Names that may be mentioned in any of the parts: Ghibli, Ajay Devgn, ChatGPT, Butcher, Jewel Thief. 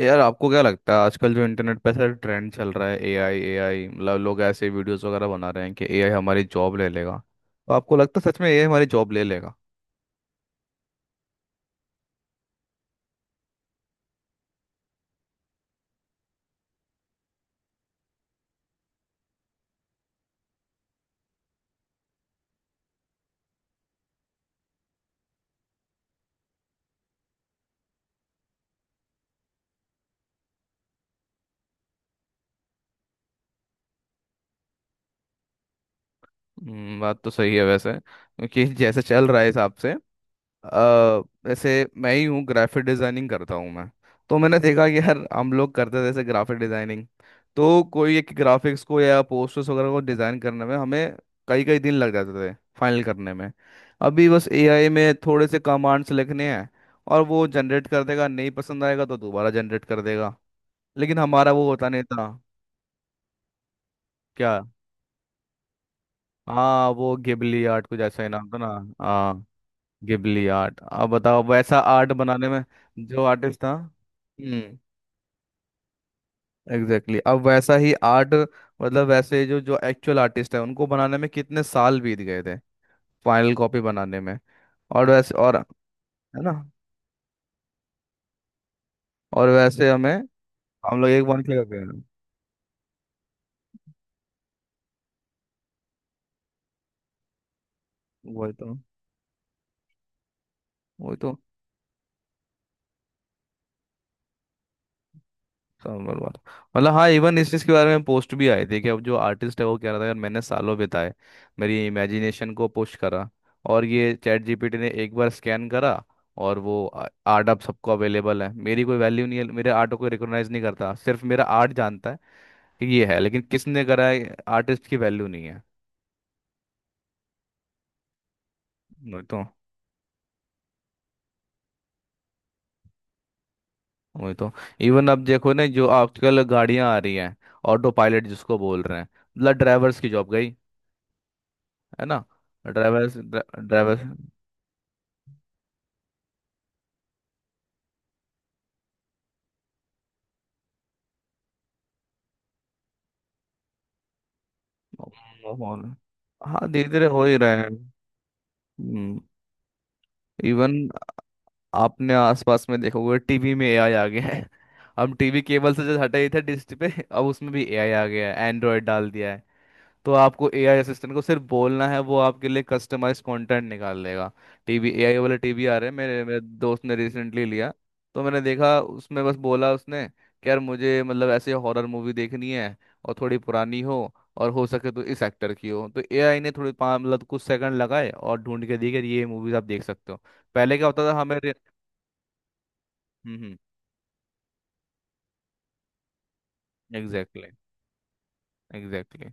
यार आपको क्या लगता है आजकल जो इंटरनेट पे ऐसा ट्रेंड चल रहा है, एआई एआई? मतलब लोग ऐसे वीडियोस वगैरह बना रहे हैं कि एआई हमारी जॉब ले लेगा. तो आपको लगता है सच में एआई हमारी जॉब ले लेगा? बात तो सही है वैसे क्योंकि जैसे चल रहा है हिसाब से. अ, वैसे मैं ही हूँ, ग्राफिक डिज़ाइनिंग करता हूँ मैं. तो मैंने देखा कि यार हम लोग करते थे जैसे ग्राफिक डिज़ाइनिंग, तो कोई एक ग्राफिक्स को या पोस्टर्स वगैरह को डिज़ाइन करने में हमें कई कई दिन लग जाते थे फाइनल करने में. अभी बस एआई में थोड़े से कमांड्स लिखने हैं और वो जनरेट कर देगा, नहीं पसंद आएगा तो दोबारा जनरेट कर देगा. लेकिन हमारा वो होता नहीं था. क्या? हाँ, वो गिबली आर्ट कुछ ऐसा ही नाम था ना. हाँ, गिबली आर्ट. अब बताओ वैसा आर्ट बनाने में, जो आर्टिस्ट था, हम्म. Exactly exactly. अब वैसा ही आर्ट मतलब वैसे जो जो एक्चुअल आर्टिस्ट है उनको बनाने में कितने साल बीत गए थे फाइनल कॉपी बनाने में. और वैसे और, है ना? और वैसे हमें, हम लोग एक बार क्या कर गए. वही तो. वही तो. समझ बात, मतलब हाँ, इवन इस चीज़ के बारे में पोस्ट भी आए थे कि अब जो आर्टिस्ट है वो कह रहा था यार मैंने सालों बिताए मेरी इमेजिनेशन को पुश करा, और ये चैट जीपीटी ने एक बार स्कैन करा और वो आर्ट अब सबको अवेलेबल है. मेरी कोई वैल्यू नहीं है, मेरे आर्ट को कोई रिकॉग्नाइज नहीं करता, सिर्फ मेरा आर्ट जानता है कि ये है, लेकिन किसने करा है आर्टिस्ट की वैल्यू नहीं है. वही तो. वही तो. इवन अब देखो ना, जो आजकल गाड़ियां आ रही हैं ऑटो पायलट जिसको बोल रहे हैं, मतलब ड्राइवर्स की जॉब गई, है ना? Drivers drivers. माहौल. हाँ, धीरे धीरे हो ही रहा है. हम्म. इवन आपने आसपास में देखोगे टीवी में एआई आ गया है. हम टीवी केबल से जो हटे ही थे डिश पे, अब उसमें भी एआई आ गया है, एंड्रॉयड डाल दिया है. तो आपको एआई असिस्टेंट को सिर्फ बोलना है, वो आपके लिए कस्टमाइज कंटेंट निकाल लेगा. टीवी एआई वाले टीवी आ रहे हैं, मेरे मेरे दोस्त ने रिसेंटली लिया. तो मैंने देखा उसमें, बस बोला उसने कि यार मुझे मतलब ऐसे हॉरर मूवी देखनी है, और थोड़ी पुरानी हो, और हो सके तो इस एक्टर की हो. तो एआई ने थोड़ी मतलब कुछ सेकंड लगाए और ढूंढ के दी कि ये मूवीज आप देख सकते हो. पहले क्या होता था, हमें हम्म. एग्जैक्टली. एग्जैक्टली.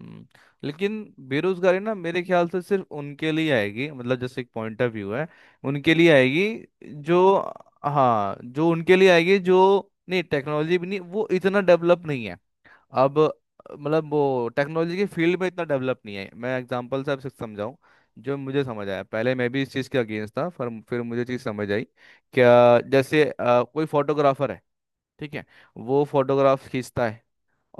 हम्म, लेकिन बेरोजगारी ना मेरे ख्याल से सिर्फ उनके लिए आएगी, मतलब जैसे एक पॉइंट ऑफ व्यू है उनके लिए आएगी, जो, हाँ, जो उनके लिए आएगी जो. नहीं, टेक्नोलॉजी भी नहीं, वो इतना डेवलप नहीं है अब. मतलब वो टेक्नोलॉजी के फील्ड में इतना डेवलप नहीं है. मैं एग्जांपल से आपसे समझाऊं जो मुझे समझ आया. पहले मैं भी इस चीज़ के अगेंस्ट था, पर फिर मुझे चीज़ समझ आई. क्या, जैसे कोई फोटोग्राफर है, ठीक है, वो फोटोग्राफ खींचता है,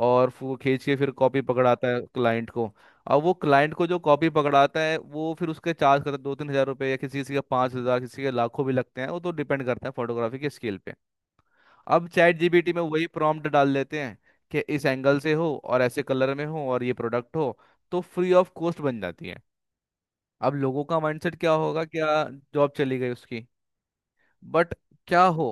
और फिर वो खींच के फिर कॉपी पकड़ाता है क्लाइंट को. अब वो क्लाइंट को जो कॉपी पकड़ाता है वो फिर उसके चार्ज करता है 2-3 हजार रुपये, या किसी किसी का 5 हजार, किसी के लाखों भी लगते हैं, वो तो डिपेंड करता है फोटोग्राफी के स्किल पे. अब चैट जीपीटी में वही प्रॉम्प्ट डाल देते हैं कि इस एंगल से हो और ऐसे कलर में हो और ये प्रोडक्ट हो, तो फ्री ऑफ कॉस्ट बन जाती है. अब लोगों का माइंडसेट क्या होगा क्या, जॉब चली गई उसकी. बट क्या हो.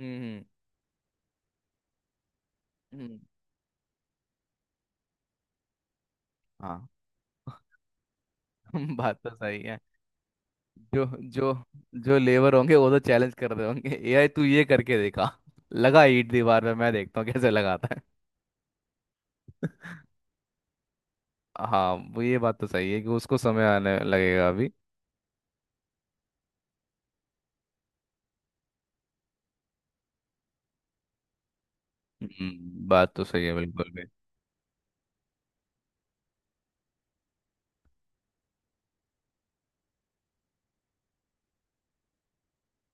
हम्म हम्म, हम्म, हाँ, बात तो सही है. जो जो जो लेबर होंगे वो तो चैलेंज कर रहे होंगे एआई तू ये करके देखा, लगा ईंट दीवार में, मैं देखता हूँ कैसे लगाता है. हाँ वो ये बात तो सही है कि उसको समय आने लगेगा अभी. बात तो सही है बिल्कुल भी.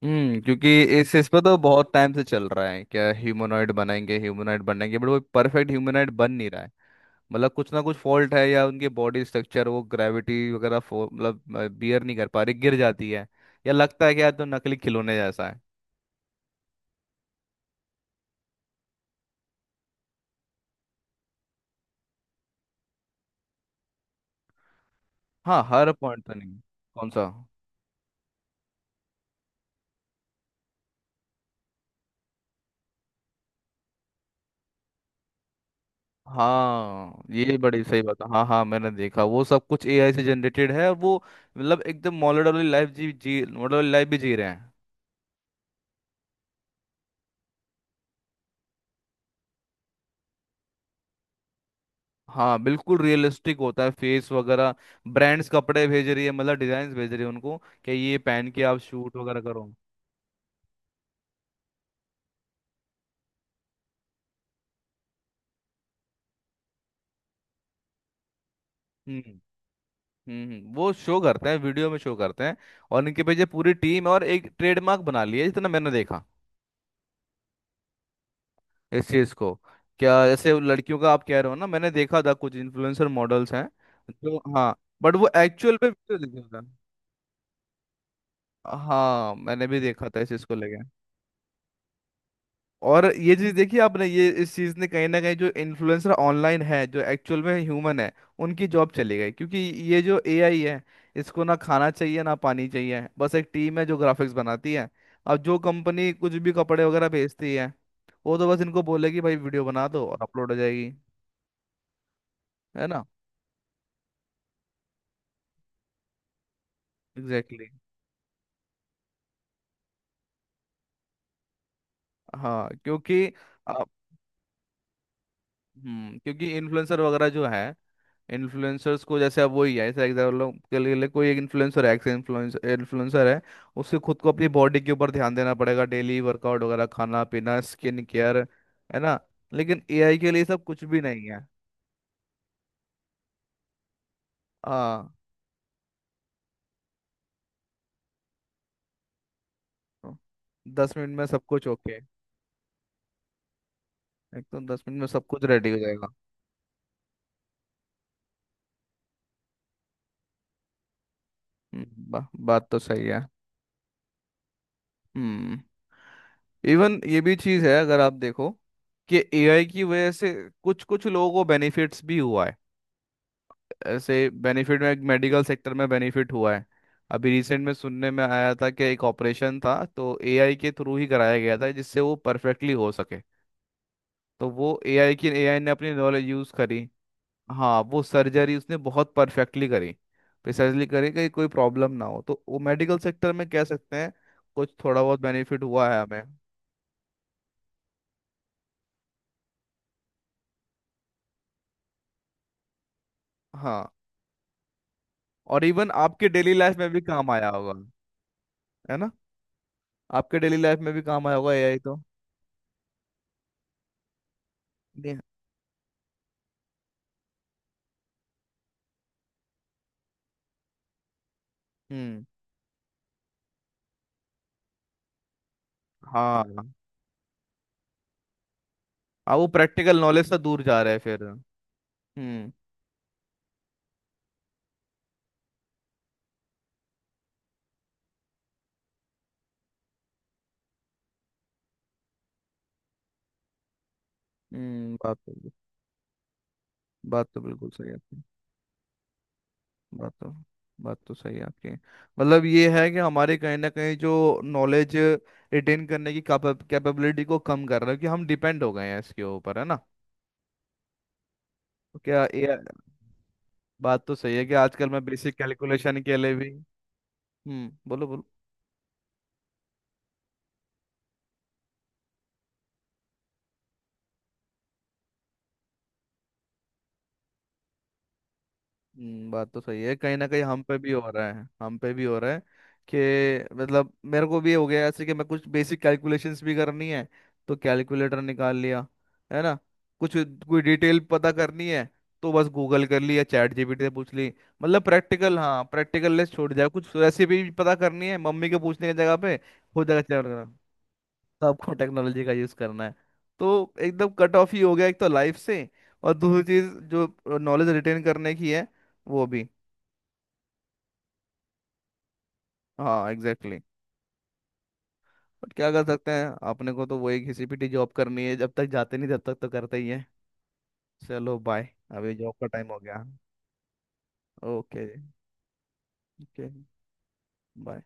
हम्म, क्योंकि इस पर तो बहुत टाइम से चल रहा है, क्या ह्यूमनॉइड बनाएंगे ह्यूमनॉइड बनाएंगे, बट वो परफेक्ट ह्यूमनॉइड बन नहीं रहा है. मतलब कुछ ना कुछ फॉल्ट है या उनके बॉडी स्ट्रक्चर वो ग्रेविटी वगैरह मतलब बियर नहीं कर पा रही, गिर जाती है, या लगता है कि यार तो नकली खिलौने जैसा है. हाँ, हर पॉइंट तो नहीं. कौन सा? हाँ ये बड़ी सही बात है, हाँ हाँ, मैंने देखा वो सब कुछ एआई से जनरेटेड है और वो मतलब एकदम मॉडल वाली लाइफ, जी जी मॉडल वाली लाइफ भी जी रहे हैं. हाँ बिल्कुल रियलिस्टिक होता है फेस वगैरह. ब्रांड्स कपड़े भेज रही है, मतलब डिजाइन भेज रही है उनको कि ये पहन के आप शूट वगैरह करो. हम्म वो शो करते हैं वीडियो में शो करते हैं, और इनके पीछे पूरी टीम और एक ट्रेडमार्क बना लिया है, जितना मैंने देखा इस चीज को. क्या जैसे वो लड़कियों का आप कह रहे हो ना, मैंने देखा था कुछ इन्फ्लुएंसर मॉडल्स हैं जो. हाँ, बट वो एक्चुअल में वीडियो दिखा था. हाँ मैंने भी देखा था इस चीज को लेके. और ये चीज देखी आपने, ये इस चीज ने कहीं ना कहीं जो इन्फ्लुएंसर ऑनलाइन है जो एक्चुअल में ह्यूमन है उनकी जॉब चली गई, क्योंकि ये जो एआई है इसको ना खाना चाहिए ना पानी चाहिए, बस एक टीम है जो ग्राफिक्स बनाती है. अब जो कंपनी कुछ भी कपड़े वगैरह भेजती है वो तो बस इनको बोलेगी भाई वीडियो बना दो और अपलोड हो जाएगी, है ना? Exactly exactly. हाँ, क्योंकि आप, हम्म, क्योंकि इन्फ्लुएंसर वगैरह जो है, इन्फ्लुएंसर्स को जैसे अब वही है, जैसे एग्जाम्पल के लिए लिए कोई एक इन्फ्लुएंसर है, एक्स इन्फ्लुएंसर इन्फ्लुएंसर है, उससे खुद को अपनी बॉडी के ऊपर ध्यान देना पड़ेगा, डेली वर्कआउट वगैरह, खाना पीना, स्किन केयर, है ना? लेकिन एआई के लिए सब कुछ भी नहीं है. हाँ, तो 10 मिनट में सब कुछ ओके. एकदम 10 मिनट में सब कुछ रेडी हो जाएगा. हम्म, बात तो सही है. हम्म, इवन ये भी चीज़ है अगर आप देखो कि एआई की वजह से कुछ कुछ लोगों को बेनिफिट्स भी हुआ है. ऐसे बेनिफिट में मेडिकल सेक्टर में बेनिफिट हुआ है. अभी रिसेंट में सुनने में आया था कि एक ऑपरेशन था, तो एआई के थ्रू ही कराया गया था जिससे वो परफेक्टली हो सके. तो वो एआई ने अपनी नॉलेज यूज़ करी. हाँ वो सर्जरी उसने बहुत परफेक्टली करी, प्रिसाइजली करी कि कोई प्रॉब्लम ना हो. तो वो मेडिकल सेक्टर में कह सकते हैं कुछ थोड़ा बहुत बेनिफिट हुआ है हमें. हाँ. और इवन आपके डेली लाइफ में भी काम आया होगा, है ना? आपके डेली लाइफ में भी काम आया होगा एआई तो. नहीं, हम्म, हाँ, हाँ वो प्रैक्टिकल नॉलेज से दूर जा रहे हैं फिर. हम्म. हम्म. बात तो, बात तो बिल्कुल सही है आपकी. बात तो, बात तो सही है आपकी. मतलब ये है कि हमारे कहीं ना कहीं जो नॉलेज रिटेन करने की कैपेबिलिटी को कम कर रहा है, कि हम डिपेंड हो गए हैं इसके ऊपर, है ना? तो क्या ये बात तो सही है कि आजकल मैं बेसिक कैलकुलेशन के लिए भी, हम्म, बोलो बोलो. बात तो सही है कहीं ना कहीं हम पे भी हो रहा है, हम पे भी हो रहा है, कि मतलब मेरे को भी हो गया ऐसे कि मैं कुछ बेसिक कैलकुलेशंस भी करनी है तो कैलकुलेटर निकाल लिया, है ना? कुछ कोई डिटेल पता करनी है तो बस गूगल कर ली या चैट जीपीटी से पूछ ली. मतलब प्रैक्टिकल, हाँ, प्रैक्टिकल लेस छोड़ जाए, कुछ रेसिपी पता करनी है मम्मी के पूछने की जगह पे हो जाएगा चैट. तो आपको टेक्नोलॉजी का यूज करना है, तो एकदम कट ऑफ ही हो गया एक तो लाइफ से, और दूसरी चीज जो नॉलेज रिटेन करने की है वो भी. हाँ एग्जैक्टली exactly. बट क्या कर सकते हैं, अपने को तो वही घिसी पिटी जॉब करनी है, जब तक जाते नहीं तब तक तो करते ही है. चलो बाय, अभी जॉब का टाइम हो गया. ओके. Okay bye.